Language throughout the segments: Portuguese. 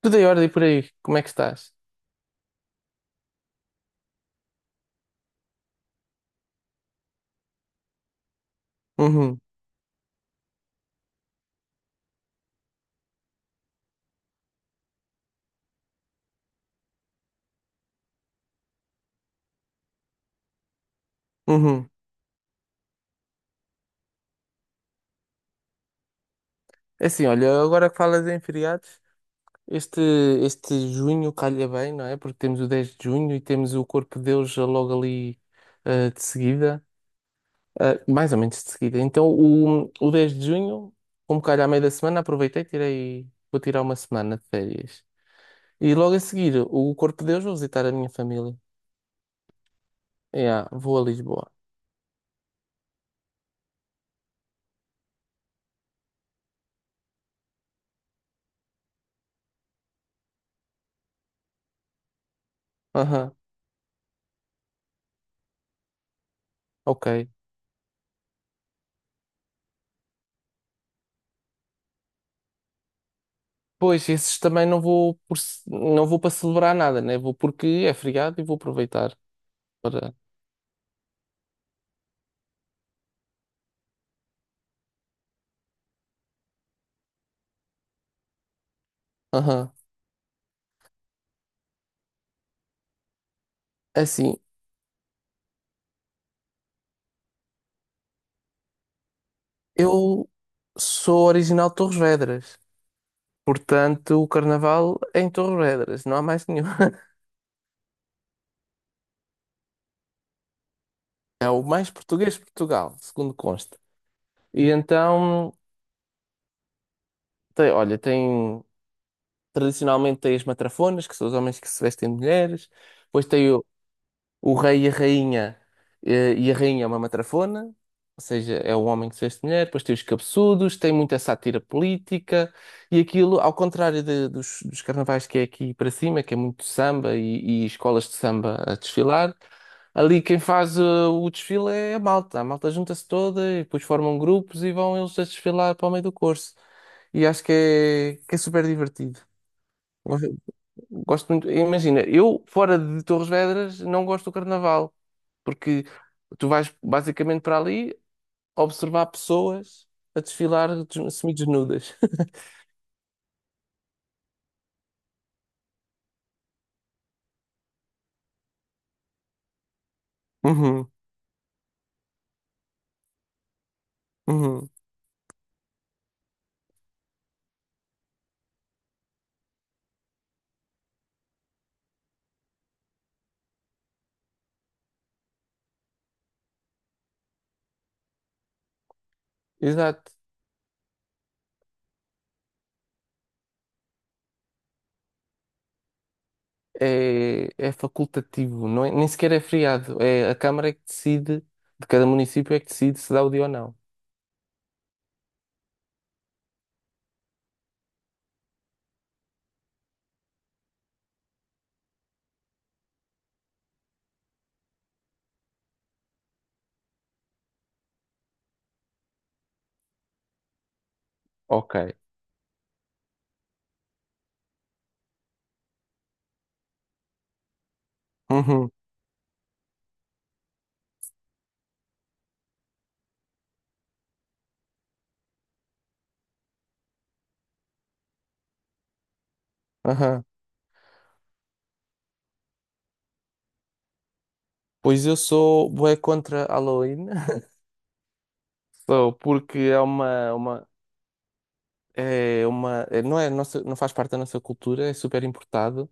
Tudo em ordem por aí, como é que estás? Uhum, uhum. É assim, olha, agora que falas em feriados, este, este junho calha bem, não é? Porque temos o 10 de junho e temos o Corpo de Deus já logo ali de seguida, mais ou menos de seguida. Então, o 10 de junho, como calha à meia da semana, aproveitei, tirei, vou tirar uma semana de férias. E logo a seguir, o Corpo de Deus, vou visitar a minha família. Yeah, vou a Lisboa. Aham, ok. Pois, esses também não vou para celebrar nada, né? Vou porque é feriado e vou aproveitar para. Aham. É assim, eu sou original de Torres Vedras, portanto o carnaval é em Torres Vedras, não há mais nenhum. É o mais português de Portugal, segundo consta. E então, tem, olha, tem tradicionalmente tem as matrafonas, que são os homens que se vestem de mulheres, depois tem o rei e a rainha, e a rainha é uma matrafona, ou seja, é um homem que se veste de mulher, depois tem os cabeçudos, tem muita sátira política, e aquilo, ao contrário dos carnavais que é aqui para cima, que é muito samba e escolas de samba a desfilar, ali quem faz o desfile é a malta junta-se toda e depois formam grupos e vão eles a desfilar para o meio do curso. E acho que é super divertido. Gosto gosto muito. Imagina, eu fora de Torres Vedras não gosto do carnaval. Porque tu vais basicamente para ali observar pessoas a desfilar semi-desnudas. Uhum, uhum. Exato. É facultativo, não é, nem sequer é feriado. É a Câmara é que decide, de cada município é que decide se dá o dia ou não. Ok. Uhum, aham. Pois eu sou bué contra Halloween. Sou, porque não é nossa, não faz parte da nossa cultura, é super importado.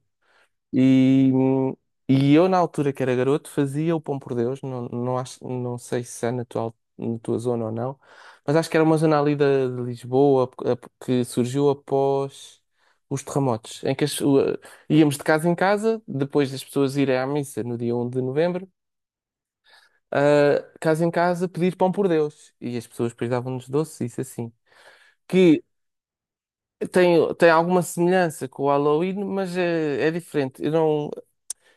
E, e eu, na altura que era garoto, fazia o Pão por Deus. Não, não, acho, não sei se é na tua zona ou não, mas acho que era uma zona ali de Lisboa que surgiu após os terremotos, em que íamos de casa em casa, depois das pessoas irem à missa no dia 1 de novembro, casa em casa pedir Pão por Deus. E as pessoas depois davam-nos doces, isso assim. Que tem alguma semelhança com o Halloween, mas é diferente. Eu não.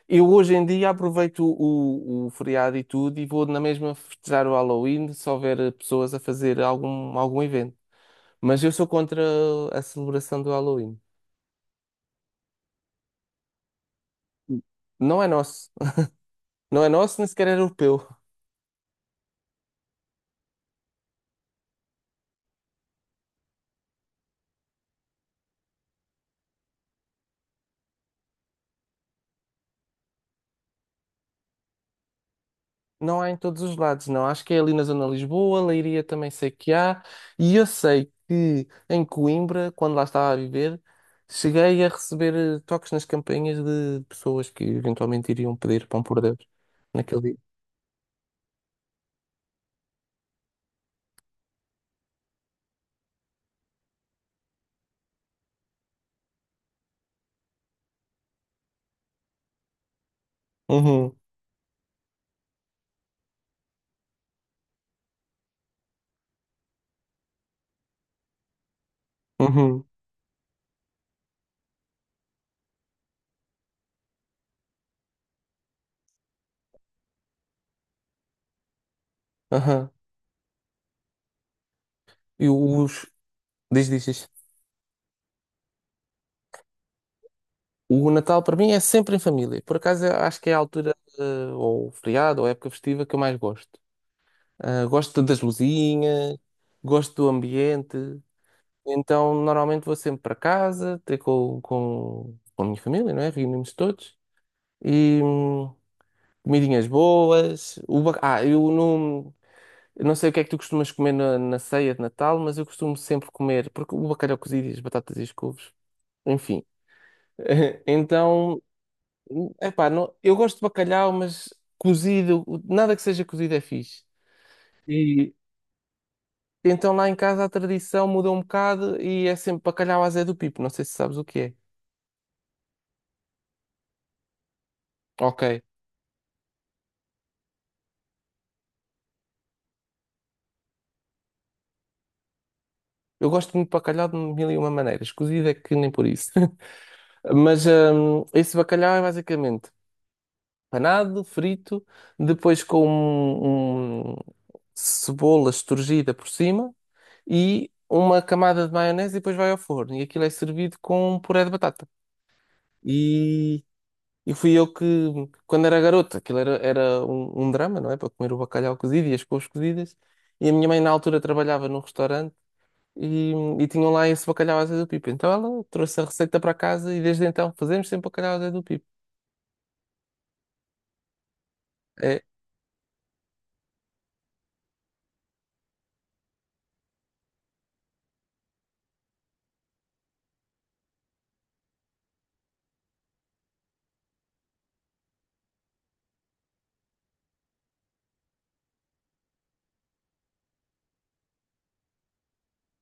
Eu hoje em dia aproveito o feriado e tudo e vou na mesma festejar o Halloween se houver pessoas a fazer algum evento. Mas eu sou contra a celebração do Halloween. Não é nosso. Não é nosso, nem sequer é europeu. Não há em todos os lados, não. Acho que é ali na zona de Lisboa, Leiria também sei que há. E eu sei que em Coimbra, quando lá estava a viver, cheguei a receber toques nas campainhas de pessoas que eventualmente iriam pedir pão por Deus naquele dia. Uhum, uhum, aham. E os. Diz, diz, diz. O Natal para mim é sempre em família. Por acaso eu acho que é a altura, ou feriado, ou época festiva que eu mais gosto. Ah, gosto das luzinhas, gosto do ambiente. Então normalmente vou sempre para casa, ter com a minha família, não é? Reunimos todos. E comidinhas boas. O ba- ah, eu não sei o que é que tu costumas comer na ceia de Natal, mas eu costumo sempre comer, porque o bacalhau cozido e as batatas e as couves, enfim. Então. Epá, não, eu gosto de bacalhau, mas cozido, nada que seja cozido é fixe. E então lá em casa a tradição mudou um bocado e é sempre bacalhau à Zé do Pipo, não sei se sabes o que é. Ok. Eu gosto muito de bacalhau de mil e uma maneiras, cozido é que nem por isso. Mas esse bacalhau é basicamente panado, frito, depois com cebola esturgida por cima e uma camada de maionese e depois vai ao forno. E aquilo é servido com um puré de batata. E E fui eu que, quando era garota, aquilo era um drama, não é? Para comer o bacalhau cozido e as couves cozidas. E a minha mãe, na altura, trabalhava num restaurante e, e tinham lá esse bacalhau à Zé do Pipo. Então ela trouxe a receita para casa e desde então fazemos sempre bacalhau à Zé do Pipo. É,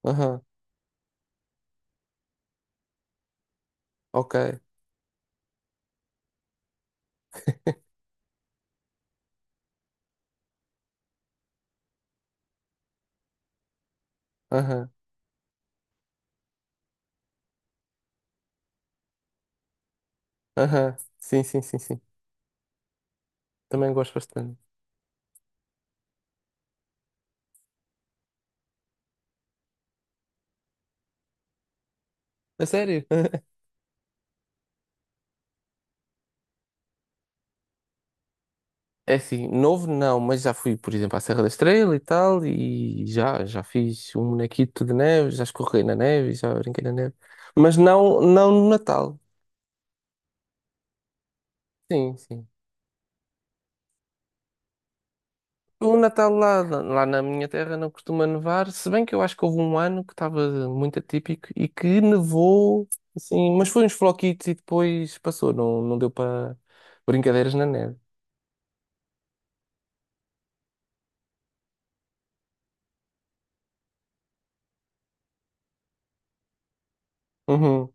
aham, ok, aham, aham, sim, sim, sim, sim. Também gosto bastante. A sério? É assim, novo não, mas já fui, por exemplo, à Serra da Estrela e tal, e já fiz um bonequito de neve, já escorreguei na neve, já brinquei na neve. Mas não, não no Natal. Sim, sim. O Natal lá na minha terra não costuma nevar, se bem que eu acho que houve um ano que estava muito atípico e que nevou, assim, mas foi uns floquitos e depois passou, não, não deu para brincadeiras na neve. Uhum,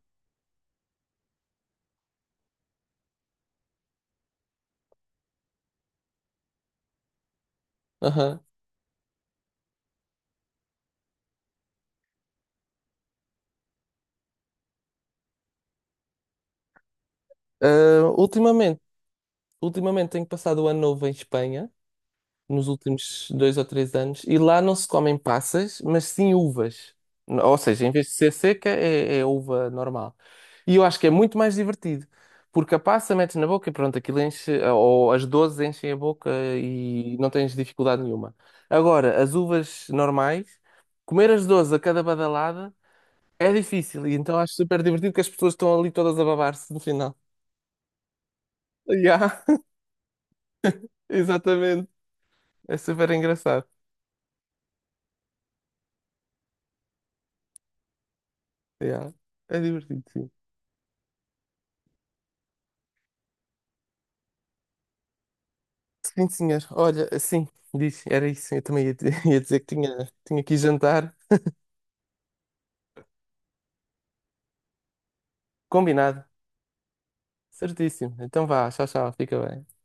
aham. Ah, ultimamente tenho passado o ano novo em Espanha. Nos últimos 2 ou 3 anos. E lá não se comem passas, mas sim uvas. Ou seja, em vez de ser seca, é uva normal. E eu acho que é muito mais divertido. Porque a passa metes na boca e pronto, aquilo enche, ou as dozes enchem a boca e não tens dificuldade nenhuma. Agora, as uvas normais, comer as dozes a cada badalada é difícil. E então acho super divertido que as pessoas estão ali todas a babar-se no final. Yeah, exatamente. É super engraçado. Yeah, é divertido, sim. Sim, senhor. Olha, assim, disse, era isso. Eu também ia dizer que tinha aqui jantar combinado. Certíssimo. Então vá, tchau, tchau. Fica bem.